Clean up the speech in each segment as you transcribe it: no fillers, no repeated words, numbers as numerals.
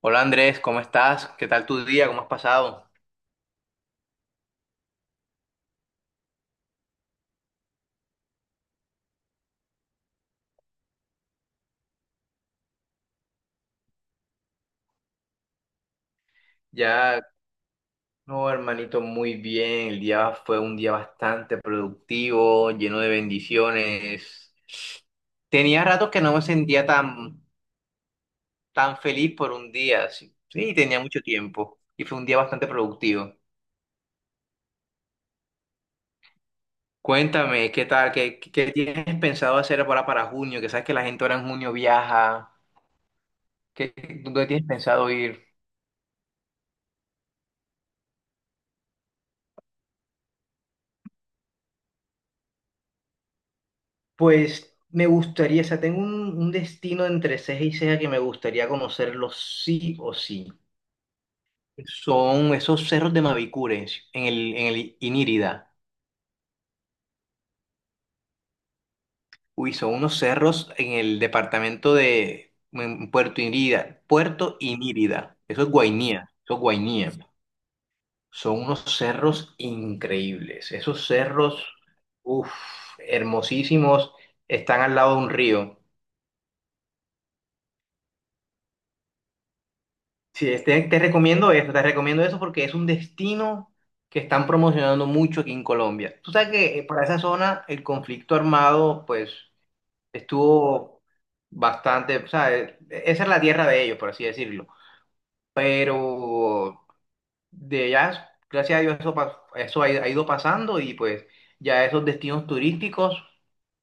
Hola Andrés, ¿cómo estás? ¿Qué tal tu día? ¿Cómo has pasado? Ya, no, hermanito, muy bien. El día fue un día bastante productivo, lleno de bendiciones. Tenía rato que no me sentía tan feliz por un día. Sí, sí, tenía mucho tiempo y fue un día bastante productivo. Cuéntame, ¿qué tal? ¿Qué tienes pensado hacer ahora para junio? Que sabes que la gente ahora en junio viaja. ¿Qué, dónde tienes pensado ir? Pues me gustaría, o sea, tengo un destino entre ceja y ceja que me gustaría conocerlo sí o sí. Son esos cerros de Mavicure en el Inírida. Uy, son unos cerros en el departamento de en Puerto Inírida. Puerto Inírida. Eso es Guainía. Eso es Guainía. Son unos cerros increíbles. Esos cerros, uff, hermosísimos, están al lado de un río. Sí, te recomiendo eso porque es un destino que están promocionando mucho aquí en Colombia. Tú sabes que para esa zona el conflicto armado pues estuvo bastante, o sea, esa es la tierra de ellos, por así decirlo. Pero de allá, gracias a Dios, eso, eso ha ido pasando y pues ya esos destinos turísticos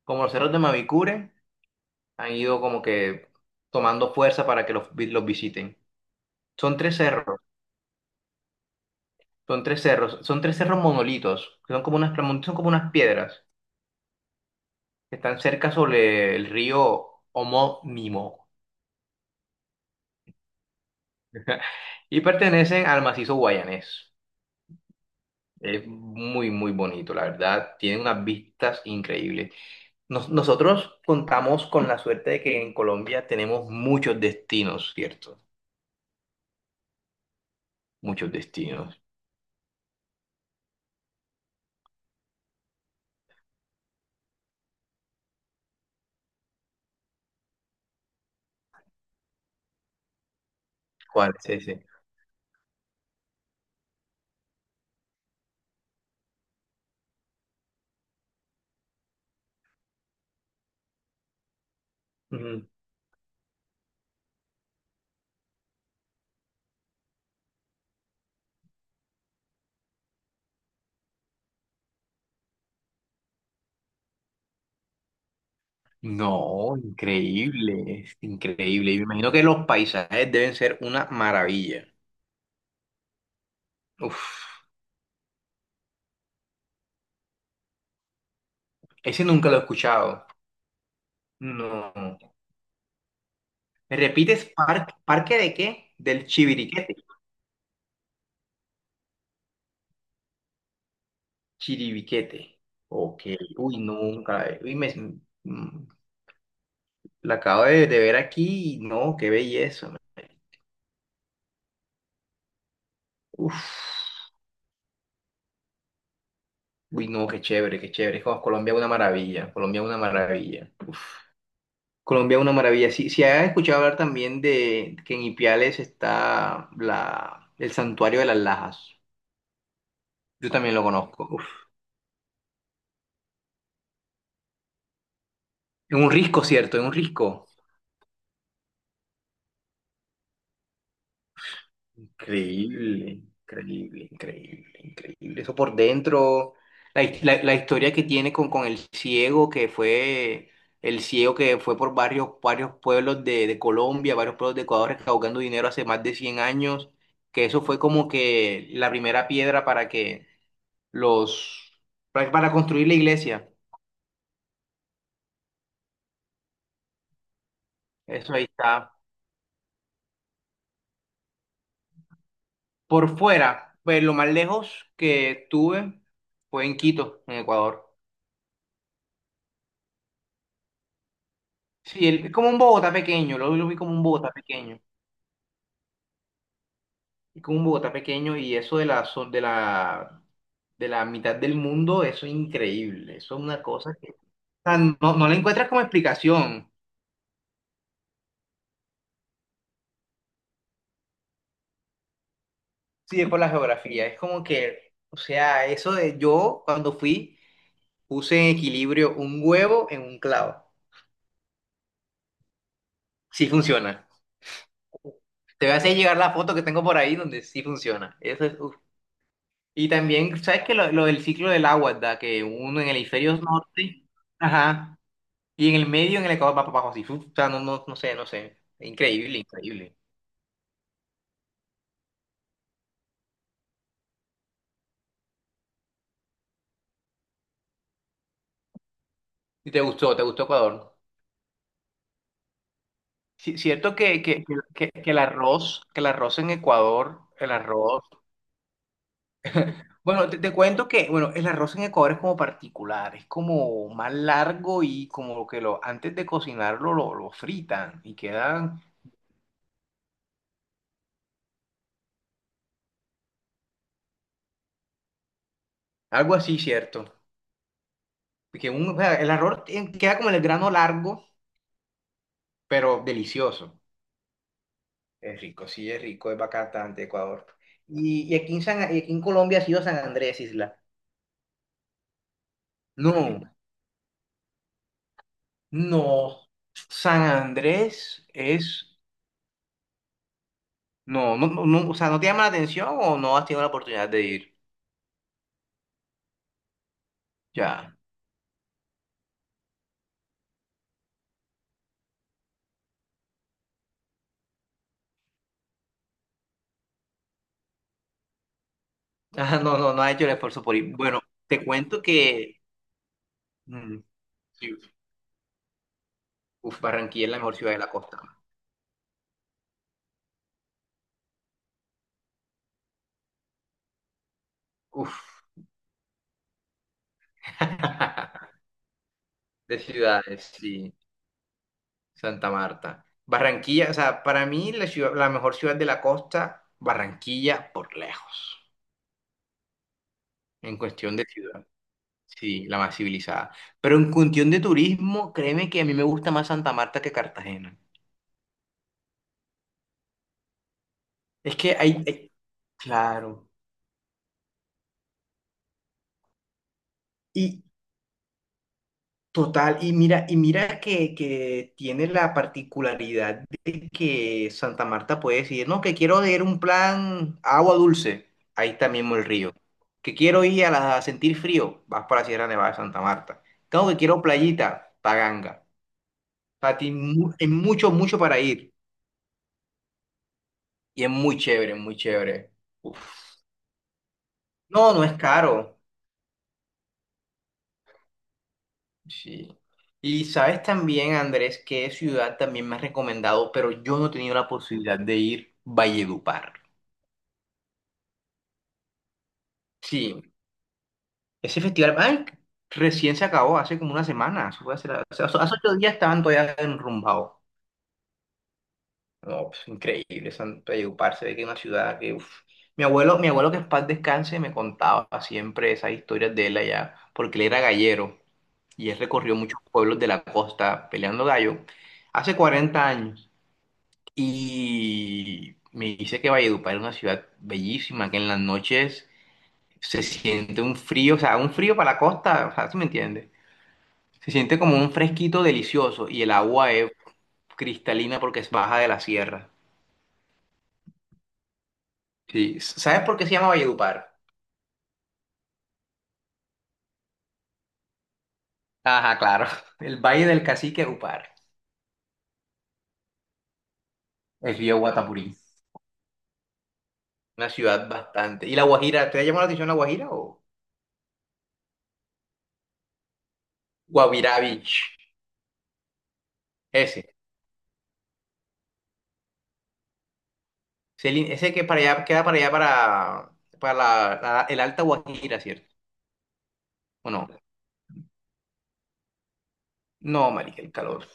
como los cerros de Mavicure han ido como que tomando fuerza para que los, los visiten. Son tres cerros. Son tres cerros, son tres cerros monolitos, que son como unas, son como unas piedras que están cerca sobre el río homónimo y pertenecen al macizo guayanés. Es muy, muy bonito, la verdad. Tiene unas vistas increíbles. Nosotros contamos con la suerte de que en Colombia tenemos muchos destinos, ¿cierto? Muchos destinos. ¿Cuál es ese? Ujú. No, increíble, es increíble. Y me imagino que los paisajes deben ser una maravilla. Uf. Ese nunca lo he escuchado. No. ¿Me repites parque, parque de qué? Del Chiviriquete. Chiribiquete. Ok. Uy, nunca. Uy, me, mm, la acabo de ver aquí y no, qué belleza. Uf. Uy, no, qué chévere, qué chévere. Jo, Colombia es una maravilla. Colombia es una maravilla. Colombia es una maravilla. Sí, si has escuchado hablar también de que en Ipiales está la, el santuario de las Lajas. Yo también lo conozco. Uf. En un risco, ¿cierto? En un risco. Increíble, increíble, increíble, increíble. Eso por dentro, la, la historia que tiene con el ciego, que fue el ciego que fue por varios, varios pueblos de Colombia, varios pueblos de Ecuador, recaudando dinero hace más de 100 años, que eso fue como que la primera piedra para que los, para construir la iglesia. Eso ahí está. Por fuera, pues lo más lejos que tuve fue en Quito, en Ecuador. Sí, como un Bogotá pequeño, lo vi como un Bogotá pequeño, y como un Bogotá pequeño y eso de la, de la, de la mitad del mundo, eso es increíble, eso es una cosa que o sea, no, no le encuentras como explicación, sí, es por la geografía, es como que, o sea, eso de yo cuando fui puse en equilibrio un huevo en un clavo, sí funciona. Te voy a hacer llegar la foto que tengo por ahí donde sí funciona, eso es. Y también, ¿sabes qué? Lo del ciclo del agua, ¿da? Que uno en el hemisferio norte, ajá, y en el medio, en el Ecuador, va para abajo así. Uf, o sea, no, no, no sé, no sé. Increíble, increíble. ¿Y te gustó? ¿Te gustó Ecuador? Sí, cierto que el arroz en Ecuador, el arroz. Bueno, te cuento que, bueno, el arroz en Ecuador es como particular, es como más largo y como que lo, antes de cocinarlo lo fritan y quedan algo así, ¿cierto? Que un, o sea, el arroz queda como el grano largo pero delicioso. Es rico, sí, es rico, es bacán de Ecuador. Y aquí en y aquí en Colombia ha sido San Andrés, Isla. No, no. San Andrés es. No, no, no, no, o sea, ¿no te llama la atención o no has tenido la oportunidad de ir? Ya. Ah, no, no, no ha hecho el esfuerzo por ir. Bueno, te cuento que. mm, sí, uf, Barranquilla es la mejor ciudad de la costa. Uf, de ciudades, sí. Santa Marta. Barranquilla, o sea, para mí la mejor ciudad de la costa, Barranquilla por lejos, en cuestión de ciudad. Sí, la más civilizada. Pero en cuestión de turismo, créeme que a mí me gusta más Santa Marta que Cartagena. Es que claro. Y total, y mira que tiene la particularidad de que Santa Marta puede decir, no, que quiero ir a un plan agua dulce, ahí está mismo el río. Que quiero ir a, a sentir frío, vas para la Sierra Nevada de Santa Marta. Tengo que quiero playita, Paganga. Para ti es mucho, mucho para ir. Y es muy chévere, muy chévere. Uf. No, no es caro. Sí. Y sabes también, Andrés, qué ciudad también me has recomendado, pero yo no he tenido la posibilidad de ir, Valledupar. Sí, ese festival, ay, recién se acabó, hace como una semana, eso fue hace, hace 8 días estaban todavía enrumbados. No, pues, increíble, San Valledupar, se ve que es una ciudad que, uf. Mi abuelo que en paz descanse me contaba siempre esas historias de él allá, porque él era gallero y él recorrió muchos pueblos de la costa peleando gallo hace 40 años. Y me dice que Valledupar es una ciudad bellísima, que en las noches se siente un frío, o sea, un frío para la costa, o sea, ¿sí me entiendes? Se siente como un fresquito delicioso y el agua es cristalina porque es baja de la sierra. Sí. ¿Sabes por qué se llama Valledupar? Ajá, claro. El Valle del Cacique Upar. El río Guatapurí. Una ciudad bastante. ¿Y La Guajira? ¿Te ha llamado la atención La Guajira o Guavirá Beach? Ese. Ese, ese que para allá, queda para allá, para el Alta Guajira, ¿cierto? ¿O no? No, marica, el calor.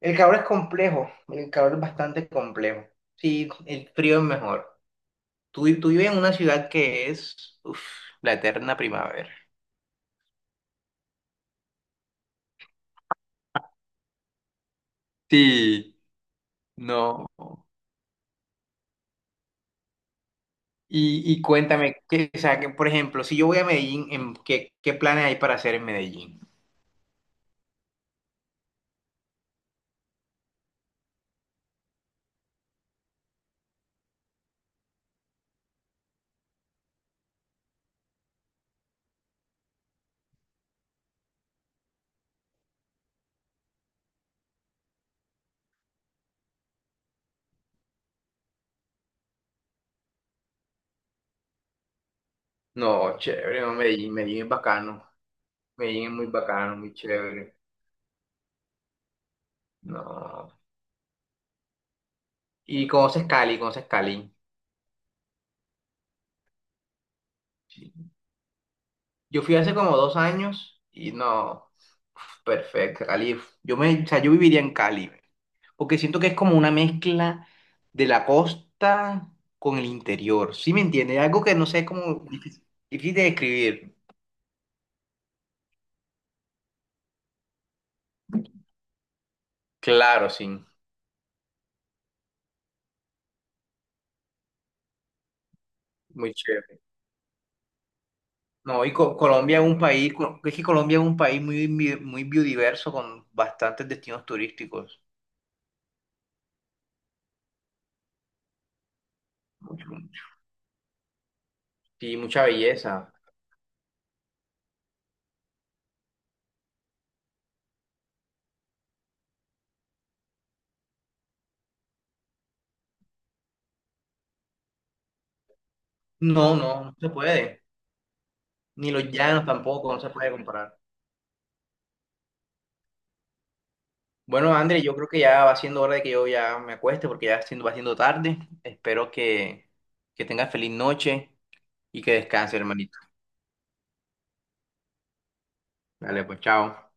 El calor es complejo, el calor es bastante complejo. Sí, el frío es mejor. Tú, tú vives en una ciudad que es, uf, la eterna primavera. Sí, no. Y cuéntame, que, o sea, que, por ejemplo, si yo voy a Medellín, ¿en ¿qué, qué planes hay para hacer en Medellín? No, chévere, no, Medellín, Medellín es bacano. Medellín es muy bacano, muy chévere. No. Y conoces Cali, conoces Cali. Sí. Yo fui hace como 2 años y no, uf, perfecto, Cali. Uf. Yo me, o sea, yo viviría en Cali, porque siento que es como una mezcla de la costa con el interior. ¿Sí me entiendes? Algo que no sé, es como difícil, difícil de describir. Claro, sí, muy chévere. No, y Colombia es un país, es que Colombia es un país muy, muy biodiverso con bastantes destinos turísticos. Mucho, mucho. Sí, mucha belleza. No, no, no se puede. Ni los llanos tampoco, no se puede comparar. Bueno, André, yo creo que ya va siendo hora de que yo ya me acueste porque ya siendo, va siendo tarde. Espero que tengas feliz noche y que descanses hermanito. Dale, pues chao.